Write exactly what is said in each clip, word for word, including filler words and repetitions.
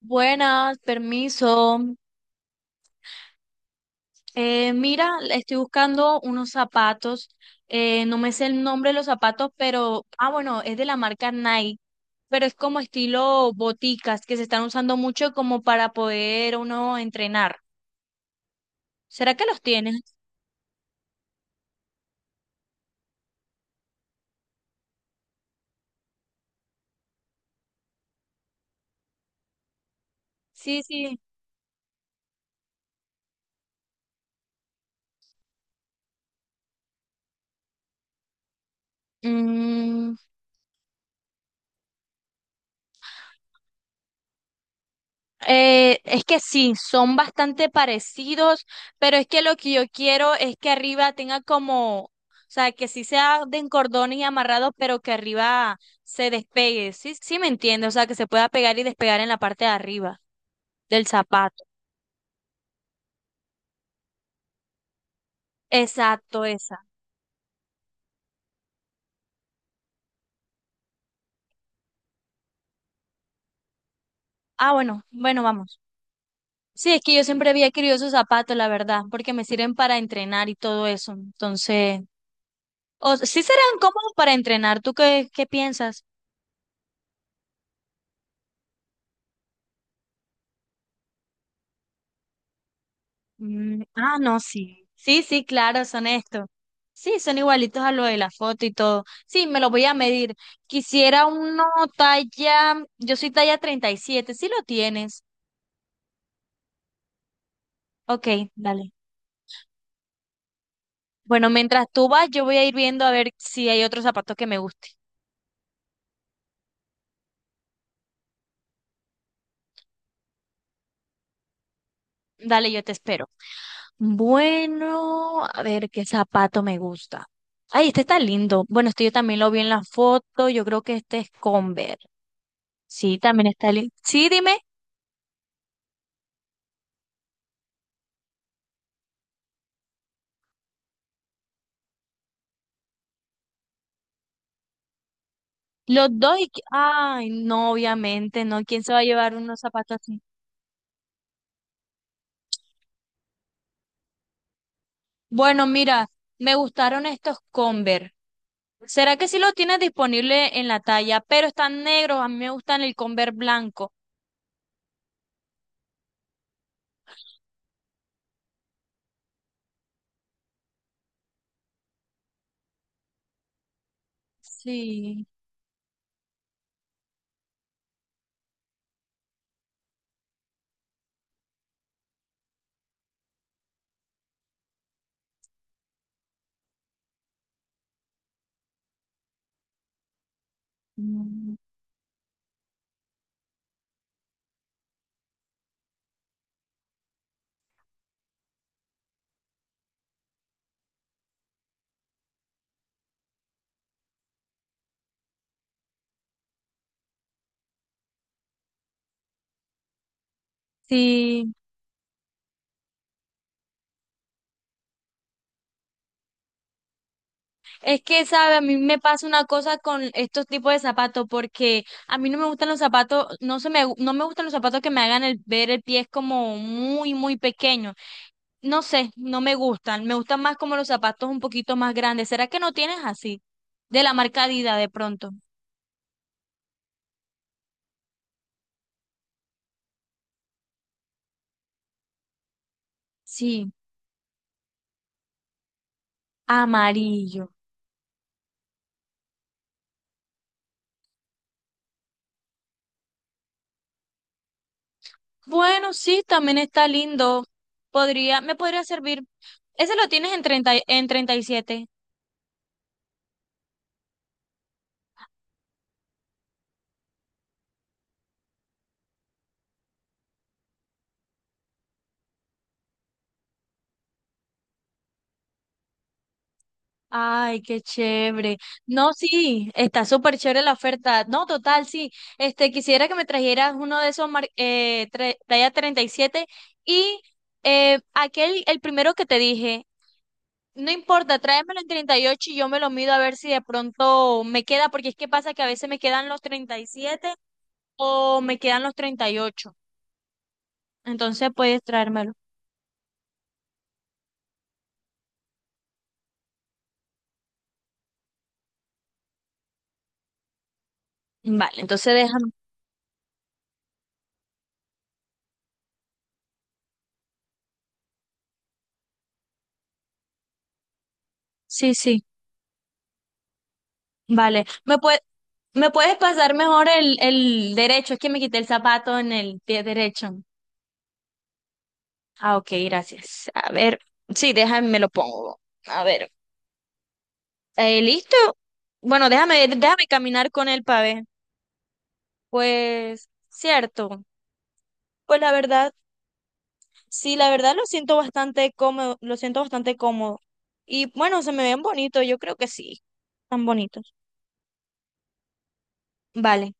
Buenas, permiso. Eh, mira, estoy buscando unos zapatos. Eh, no me sé el nombre de los zapatos, pero, ah, bueno, es de la marca Nike, pero es como estilo boticas que se están usando mucho como para poder uno entrenar. ¿Será que los tienes? Sí, sí. Mm. Eh, es que sí, son bastante parecidos, pero es que lo que yo quiero es que arriba tenga como, o sea, que sí sea de cordones y amarrados, pero que arriba se despegue. Sí, sí me entiende, o sea, que se pueda pegar y despegar en la parte de arriba del zapato. Exacto, esa. Ah, bueno, bueno, vamos. Sí, es que yo siempre había querido esos zapatos, la verdad, porque me sirven para entrenar y todo eso. Entonces, o sí serán cómodos para entrenar. ¿Tú qué, qué piensas? Mm, ah, no, sí. Sí, sí, claro, son estos. Sí, son igualitos a lo de la foto y todo. Sí, me lo voy a medir. Quisiera uno talla, yo soy talla treinta y siete, si lo tienes. Ok, dale. Bueno, mientras tú vas, yo voy a ir viendo a ver si hay otro zapato que me guste. Dale, yo te espero. Bueno, a ver qué zapato me gusta. Ay, este está lindo. Bueno, este yo también lo vi en la foto. Yo creo que este es Converse. Sí, también está lindo. Sí, dime. Los dos y... que- ay, no, obviamente, no. ¿Quién se va a llevar unos zapatos así? Bueno, mira, me gustaron estos Converse. ¿Será que sí lo tienes disponible en la talla? Pero están negros, a mí me gustan el Converse blanco. Sí. Mm. Sí. Es que, sabe, a mí me pasa una cosa con estos tipos de zapatos, porque a mí no me gustan los zapatos, no se me, gu- no me gustan los zapatos que me hagan el, ver el pie es como muy, muy pequeño. No sé, no me gustan. Me gustan más como los zapatos un poquito más grandes. ¿Será que no tienes así? De la marca Adidas de pronto. Sí, amarillo. Bueno, sí, también está lindo. Podría, me podría servir. Ese lo tienes en treinta y- en treinta y siete. Ay, qué chévere. No, sí, está súper chévere la oferta. No, total, sí. Este, quisiera que me trajeras uno de esos mar- eh, tre- talla treinta y siete y eh, aquel, el primero que te dije. No importa, tráemelo en treinta y ocho y yo me lo mido a ver si de pronto me queda, porque es que pasa que a veces me quedan los treinta y siete o me quedan los treinta y ocho. Entonces puedes traérmelo. Vale, entonces déjame. Sí, sí, vale. ¿Me puede, me puedes pasar mejor el, el derecho? Es que me quité el zapato en el pie derecho. Ah, ok, gracias. A ver, sí, déjame, me lo pongo. A ver, eh, ¿listo? Bueno, déjame, déjame caminar con él para ver. Pues, cierto. Pues la verdad. Sí, la verdad lo siento bastante cómodo, lo siento bastante cómodo. Y bueno, se me ven bonitos, yo creo que sí, están bonitos. Vale.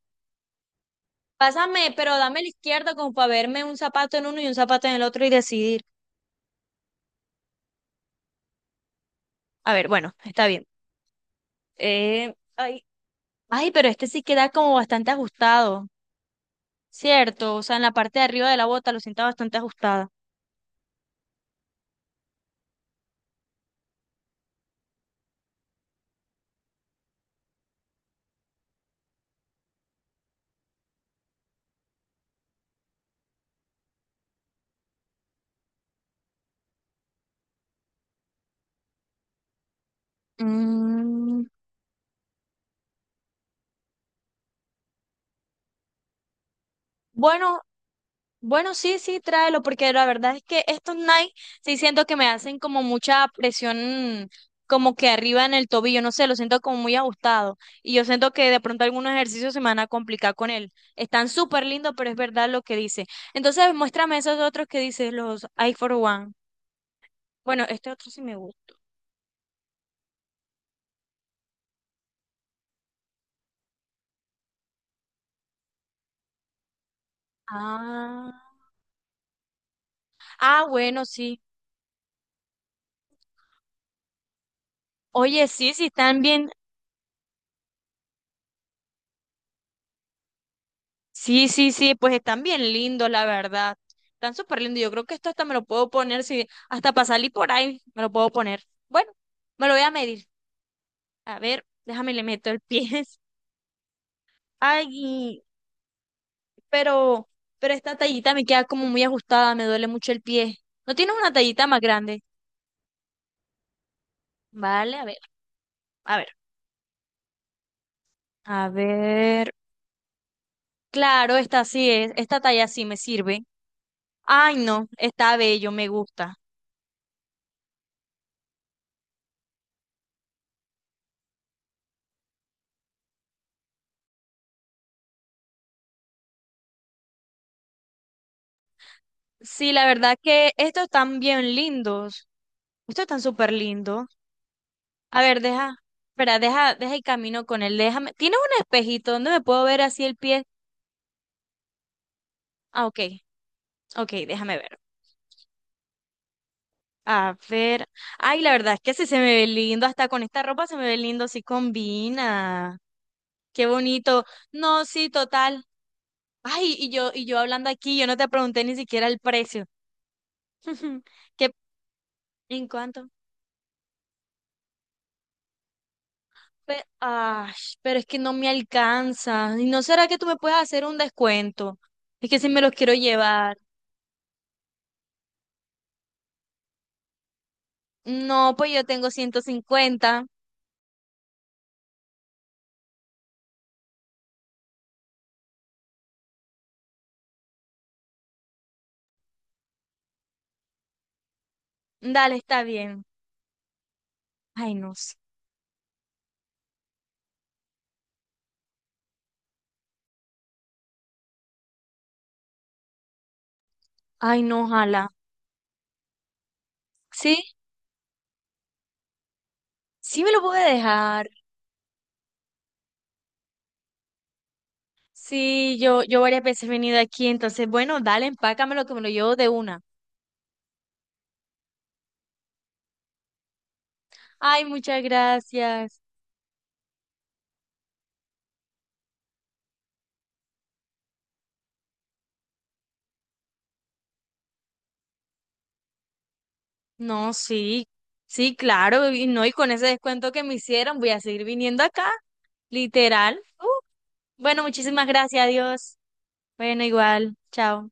Pásame, pero dame la izquierda como para verme un zapato en uno y un zapato en el otro y decidir. A ver, bueno, está bien. Eh, ay, ay, pero este sí queda como bastante ajustado, ¿cierto? O sea, en la parte de arriba de la bota lo siento bastante ajustada. Mm, bueno. Bueno, sí, sí, tráelo, porque la verdad es que estos Nike sí siento que me hacen como mucha presión, como que arriba en el tobillo, no sé, lo siento como muy ajustado. Y yo siento que de pronto algunos ejercicios se me van a complicar con él. Están súper lindos, pero es verdad lo que dice. Entonces, muéstrame esos otros que dices, los I for One. Bueno, este otro sí me gusta. Ah, ah, bueno, sí. Oye, sí, sí, están bien. Sí, sí, sí, pues están bien lindos, la verdad. Están súper lindos. Yo creo que esto hasta me lo puedo poner, si hasta para salir por ahí me lo puedo poner. Bueno, me lo voy a medir. A ver, déjame le meto el pie. Ay, pero, pero esta tallita me queda como muy ajustada, me duele mucho el pie. ¿No tienes una tallita más grande? Vale, a ver, a ver, a ver. Claro, esta sí es, esta talla sí me sirve. Ay, no, está bello, me gusta. Sí, la verdad que estos están bien lindos. Ustedes están súper lindo. A ver, deja, espera, deja, deja el camino con él. Déjame. ¿Tienes un espejito donde me puedo ver así el pie? Ah, ok, ok, déjame ver. A ver. Ay, la verdad es que sí se me ve lindo. Hasta con esta ropa se me ve lindo, sí combina. Qué bonito. No, sí, total. Ay, y yo, y yo hablando aquí, yo no te pregunté ni siquiera el precio. ¿Qué, en cuánto? Pe- ay, pero es que no me alcanza. ¿Y no será que tú me puedes hacer un descuento? Es que si me los quiero llevar. No, pues yo tengo ciento cincuenta. Dale, está bien. Ay, no sé. Ay, no, ojalá. Sí, sí me lo pude dejar. Sí, yo, yo varias veces he venido aquí, entonces, bueno, dale, empácamelo que me lo llevo de una. Ay, muchas gracias. No, sí, sí, claro, y no, y con ese descuento que me hicieron, voy a seguir viniendo acá, literal. Uh, bueno, muchísimas gracias, adiós. Bueno, igual, chao.